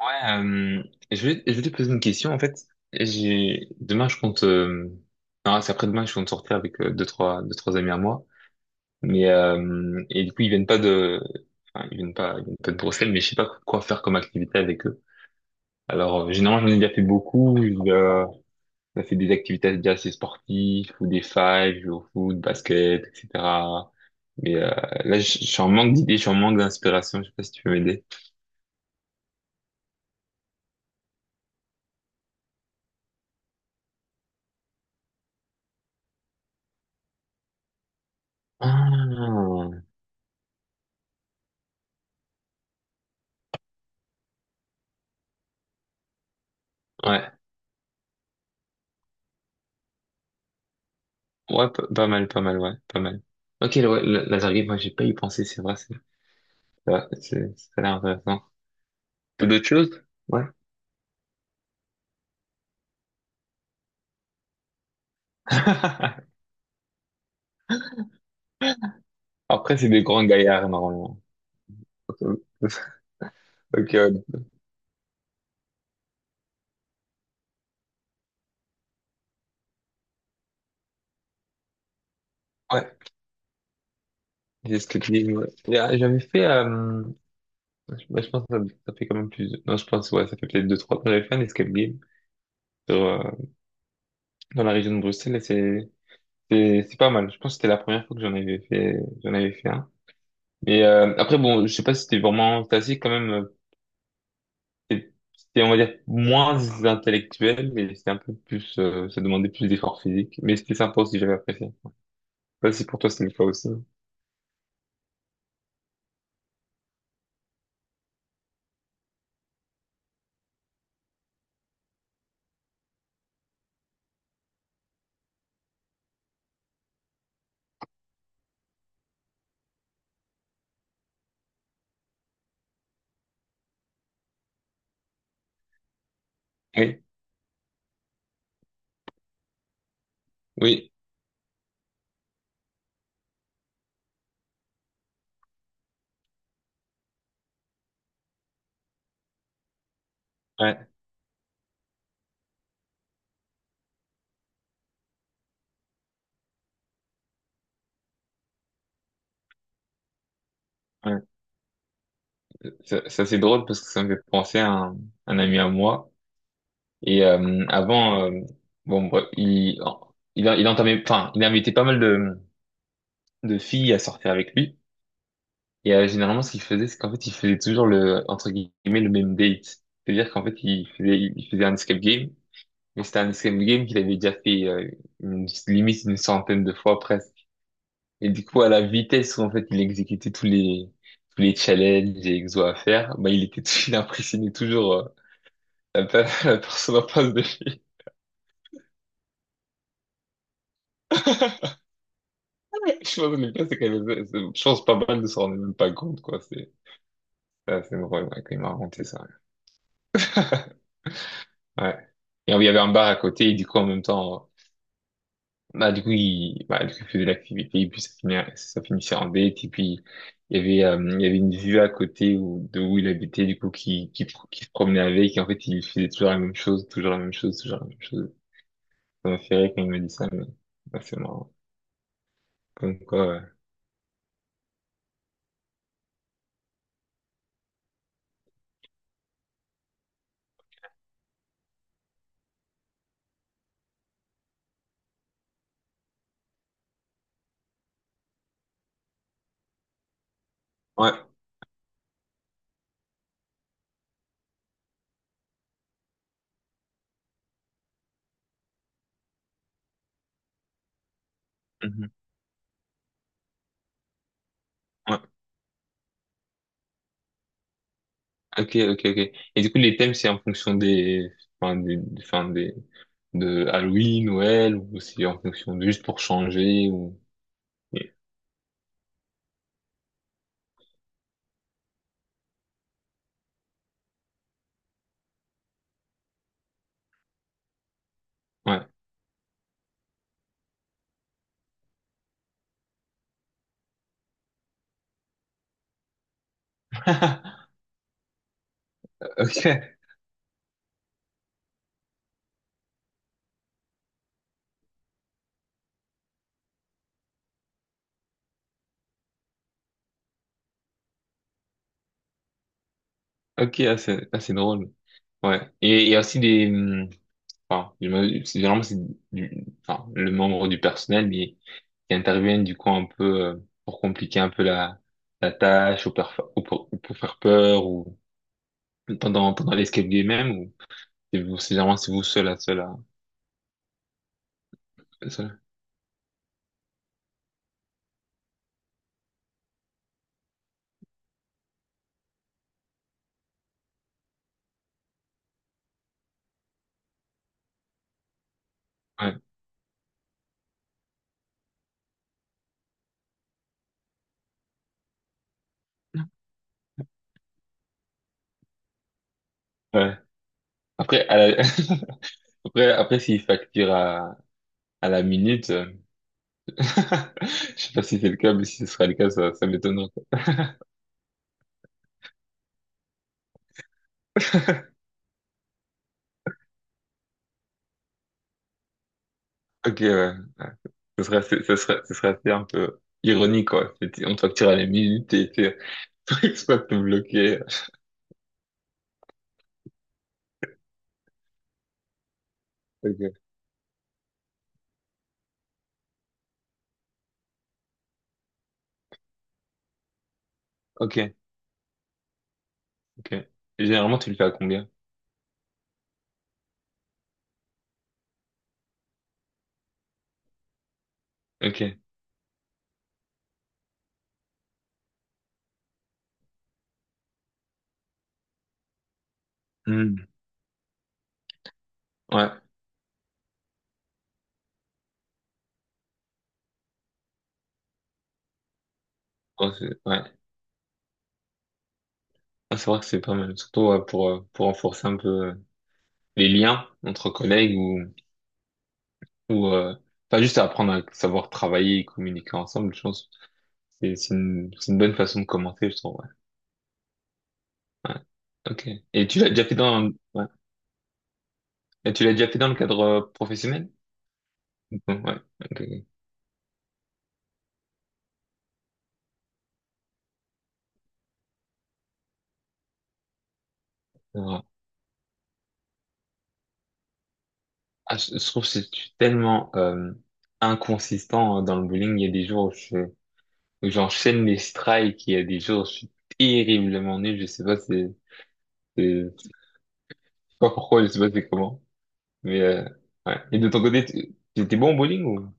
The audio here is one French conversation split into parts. Ouais, euh, je vais te poser une question en fait. Et J'ai demain je compte non c'est après demain je compte sortir avec deux trois amis à moi. Et du coup ils viennent pas de Bruxelles, mais je sais pas quoi faire comme activité avec eux. Alors généralement j'en ai déjà fait beaucoup. J'ai fait des activités déjà assez sportives ou des fives, jouer au foot, basket, etc. Mais euh, là je suis en manque d'idées, je suis en manque d'inspiration. Je sais pas si tu peux m'aider. Ah, ouais. Ouais, pas mal, pas mal, ouais, pas mal. Ok, ouais, laser game, moi j'ai pas y pensé, c'est vrai, c'est vrai, ça a l'air intéressant. Tout D'autres choses? Ouais. Après, c'est des grands gaillards, normalement. Ok, ok, ouais. Ouais, c'est ce que tu dis, ouais. Et, J'avais fait, je bah, je pense que ça fait quand même plus, non, je pense, ouais, ça fait peut-être deux, trois ans que j'avais fait un escape game sur, euh, dans la région de Bruxelles, et c'est pas mal. Je pense que c'était la première fois que j'en avais fait un. Après, bon, je sais pas si c'était vraiment classique quand même. C'était, on va dire, moins intellectuel, mais c'était un peu plus, ça demandait plus d'efforts physiques. Mais c'était sympa aussi, j'avais apprécié. Pas si pour toi c'était le cas aussi. Oui, oui, ouais, ouais. Ça, c'est drôle parce que ça me fait penser à un ami à moi. Et avant, bon, bref, il entamait, enfin, il invitait pas mal de filles à sortir avec lui. Et généralement, ce qu'il faisait, c'est qu'en fait, il faisait toujours le, entre guillemets, le même date. C'est-à-dire qu'en fait, il faisait un escape game. Mais c'était un escape game qu'il avait déjà fait limite une centaine de fois presque. Et du coup, à la vitesse où en fait il exécutait tous les challenges et exos à faire, bah il était il impressionnait toujours la personne en face de lui. Je pense que le pire, c'est je pense pas mal de s'en rendre même pas compte, quoi. C'est assez drôle, ouais, quand il m'a raconté ça. Ouais. Et il y avait un bar à côté et du coup en même temps. Bah, du coup, il faisait l'activité, et puis ça finissait en date, et puis il y avait une vue à côté où, de où il habitait, du coup, qui se promenait avec, et en fait, il faisait toujours la même chose, toujours la même chose, toujours la même chose. Ça m'a fait rire quand il m'a dit ça, mais bah, c'est marrant. Comme quoi, ouais. Ouais. Mhm. Ouais. Ok, ok, ok. Et du coup, les thèmes, c'est en fonction des, enfin, de Halloween, Noël, ou c'est en fonction de juste pour changer, ou, ouais. Ok. Ok, ah, c'est drôle. Ouais. Et il y a aussi des... Enfin, généralement, c'est du... Enfin, le membre du personnel, mais qui interviennent du coup un peu pour compliquer un peu la, la tâche ou, ou pour faire peur ou pendant, pendant l'escape game même, ou c'est vous, c'est généralement c'est vous seul à seul à seul. Ouais, ouais. Après, après, après s'il facture à la minute, je sais pas si c'est le cas, mais si ce sera le cas, ça m'étonnerait, quoi. Ok, ouais. Ouais. Ce serait, ce serait assez un peu ironique, quoi. On te facture à la minute et tu exploites te bloquer. Ok, ok, ok. Et généralement, tu le fais à combien? Ok. Hmm. Ouais. Oh, c'est ouais. Ah, c'est vrai que c'est pas mal. Surtout ouais, pour renforcer un peu les liens entre collègues ou, ou euh, pas juste apprendre à savoir travailler et communiquer ensemble, je pense. C'est une bonne façon de commencer, je trouve. Ouais. Ouais. Ok. Et tu l'as déjà fait dans, ouais. Et tu l'as déjà fait dans le cadre professionnel? Donc, ouais, ok, ok, c'est vrai. Ah, je trouve que je suis tellement inconsistant, hein, dans le bowling. Il y a des jours où j'enchaîne les strikes, il y a des jours où je suis terriblement nul. Je sais pas je sais pas pourquoi, je sais pas c'est comment. Mais euh, ouais. Et de ton côté, tu étais bon au bowling, ou?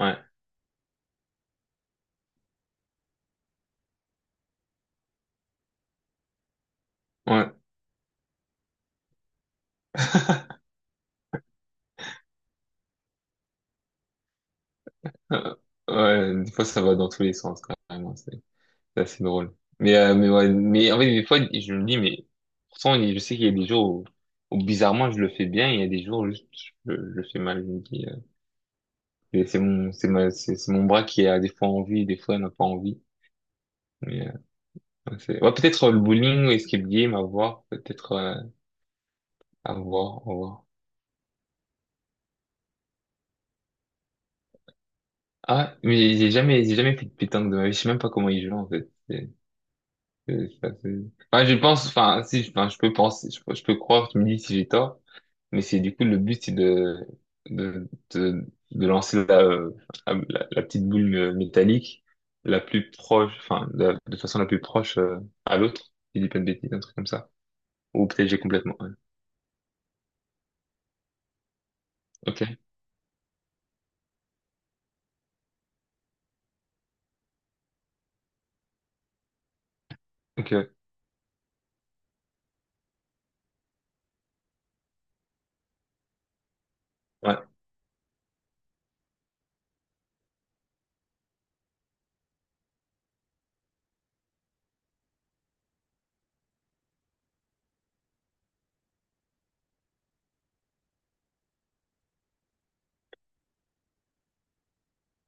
Ouais, ouais. Ouais, des fois ça va dans tous les sens, carrément. C'est assez drôle. Ouais, mais en fait, des fois, je me dis, mais pourtant, je sais qu'il y a des jours où, où, bizarrement, je le fais bien, et il y a des jours où juste, je le fais mal. Je me dis, et c'est c'est mon bras qui a des fois envie, des fois n'a pas envie. Mais, euh, ouais, ouais, peut-être le bowling ou escape game, à voir, peut-être, à voir, à voir. Ah, mais j'ai jamais fait de pétanque de ma vie, je sais même pas comment il joue, en fait. C'est- c'est assez- Enfin, je pense, enfin, si, enfin, je peux croire, tu me dis si j'ai tort. Mais c'est du coup le but, c'est de, de, de lancer la, la petite boule métallique la plus proche, enfin, de façon la plus proche à l'autre. Il dit pas de bêtises, un truc comme ça. Ou peut-être j'ai complètement, ouais. Ok, ok, ouais,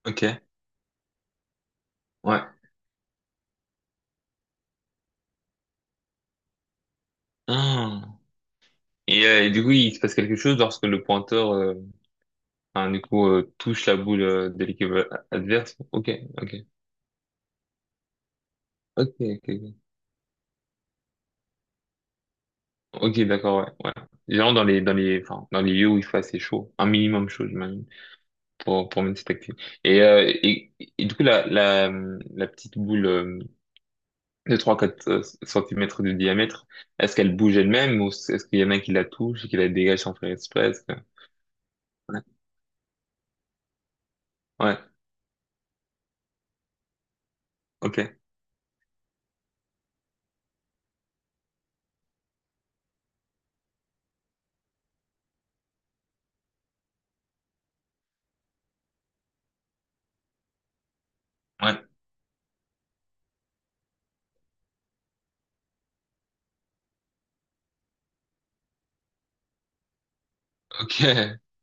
ok, ouais. Ah. Et du coup, il se passe quelque chose lorsque le pointeur, enfin, du coup, touche la boule de l'équipe adverse. Ok, ok, ok, ok, ok, ok, d'accord, ouais, ouais. Genre dans les dans les, enfin dans les lieux où il fait assez chaud, un minimum chaud, j'imagine. Pour une petite activité. Et, et du coup, la petite boule de trois quatre centimètres de diamètre, est-ce qu'elle bouge elle-même ou est-ce qu'il y en a qui la touche et qui la dégage sans faire exprès? Est-ce que- Ouais, ouais. Ok. Ouais, ok.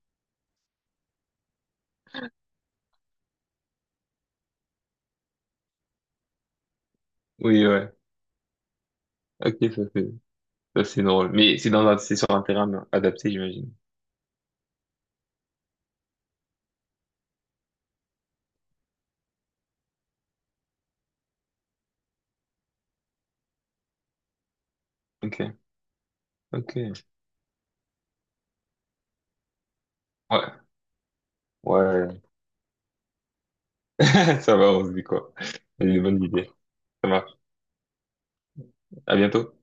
Oui, ouais. Ok, ça c'est drôle. Mais c'est dans un, c'est sur un terrain adapté, j'imagine. Ok, ok. Ouais, ouais. Ça va, on se dit quoi? J'ai des bonnes idées. Ça marche. À bientôt.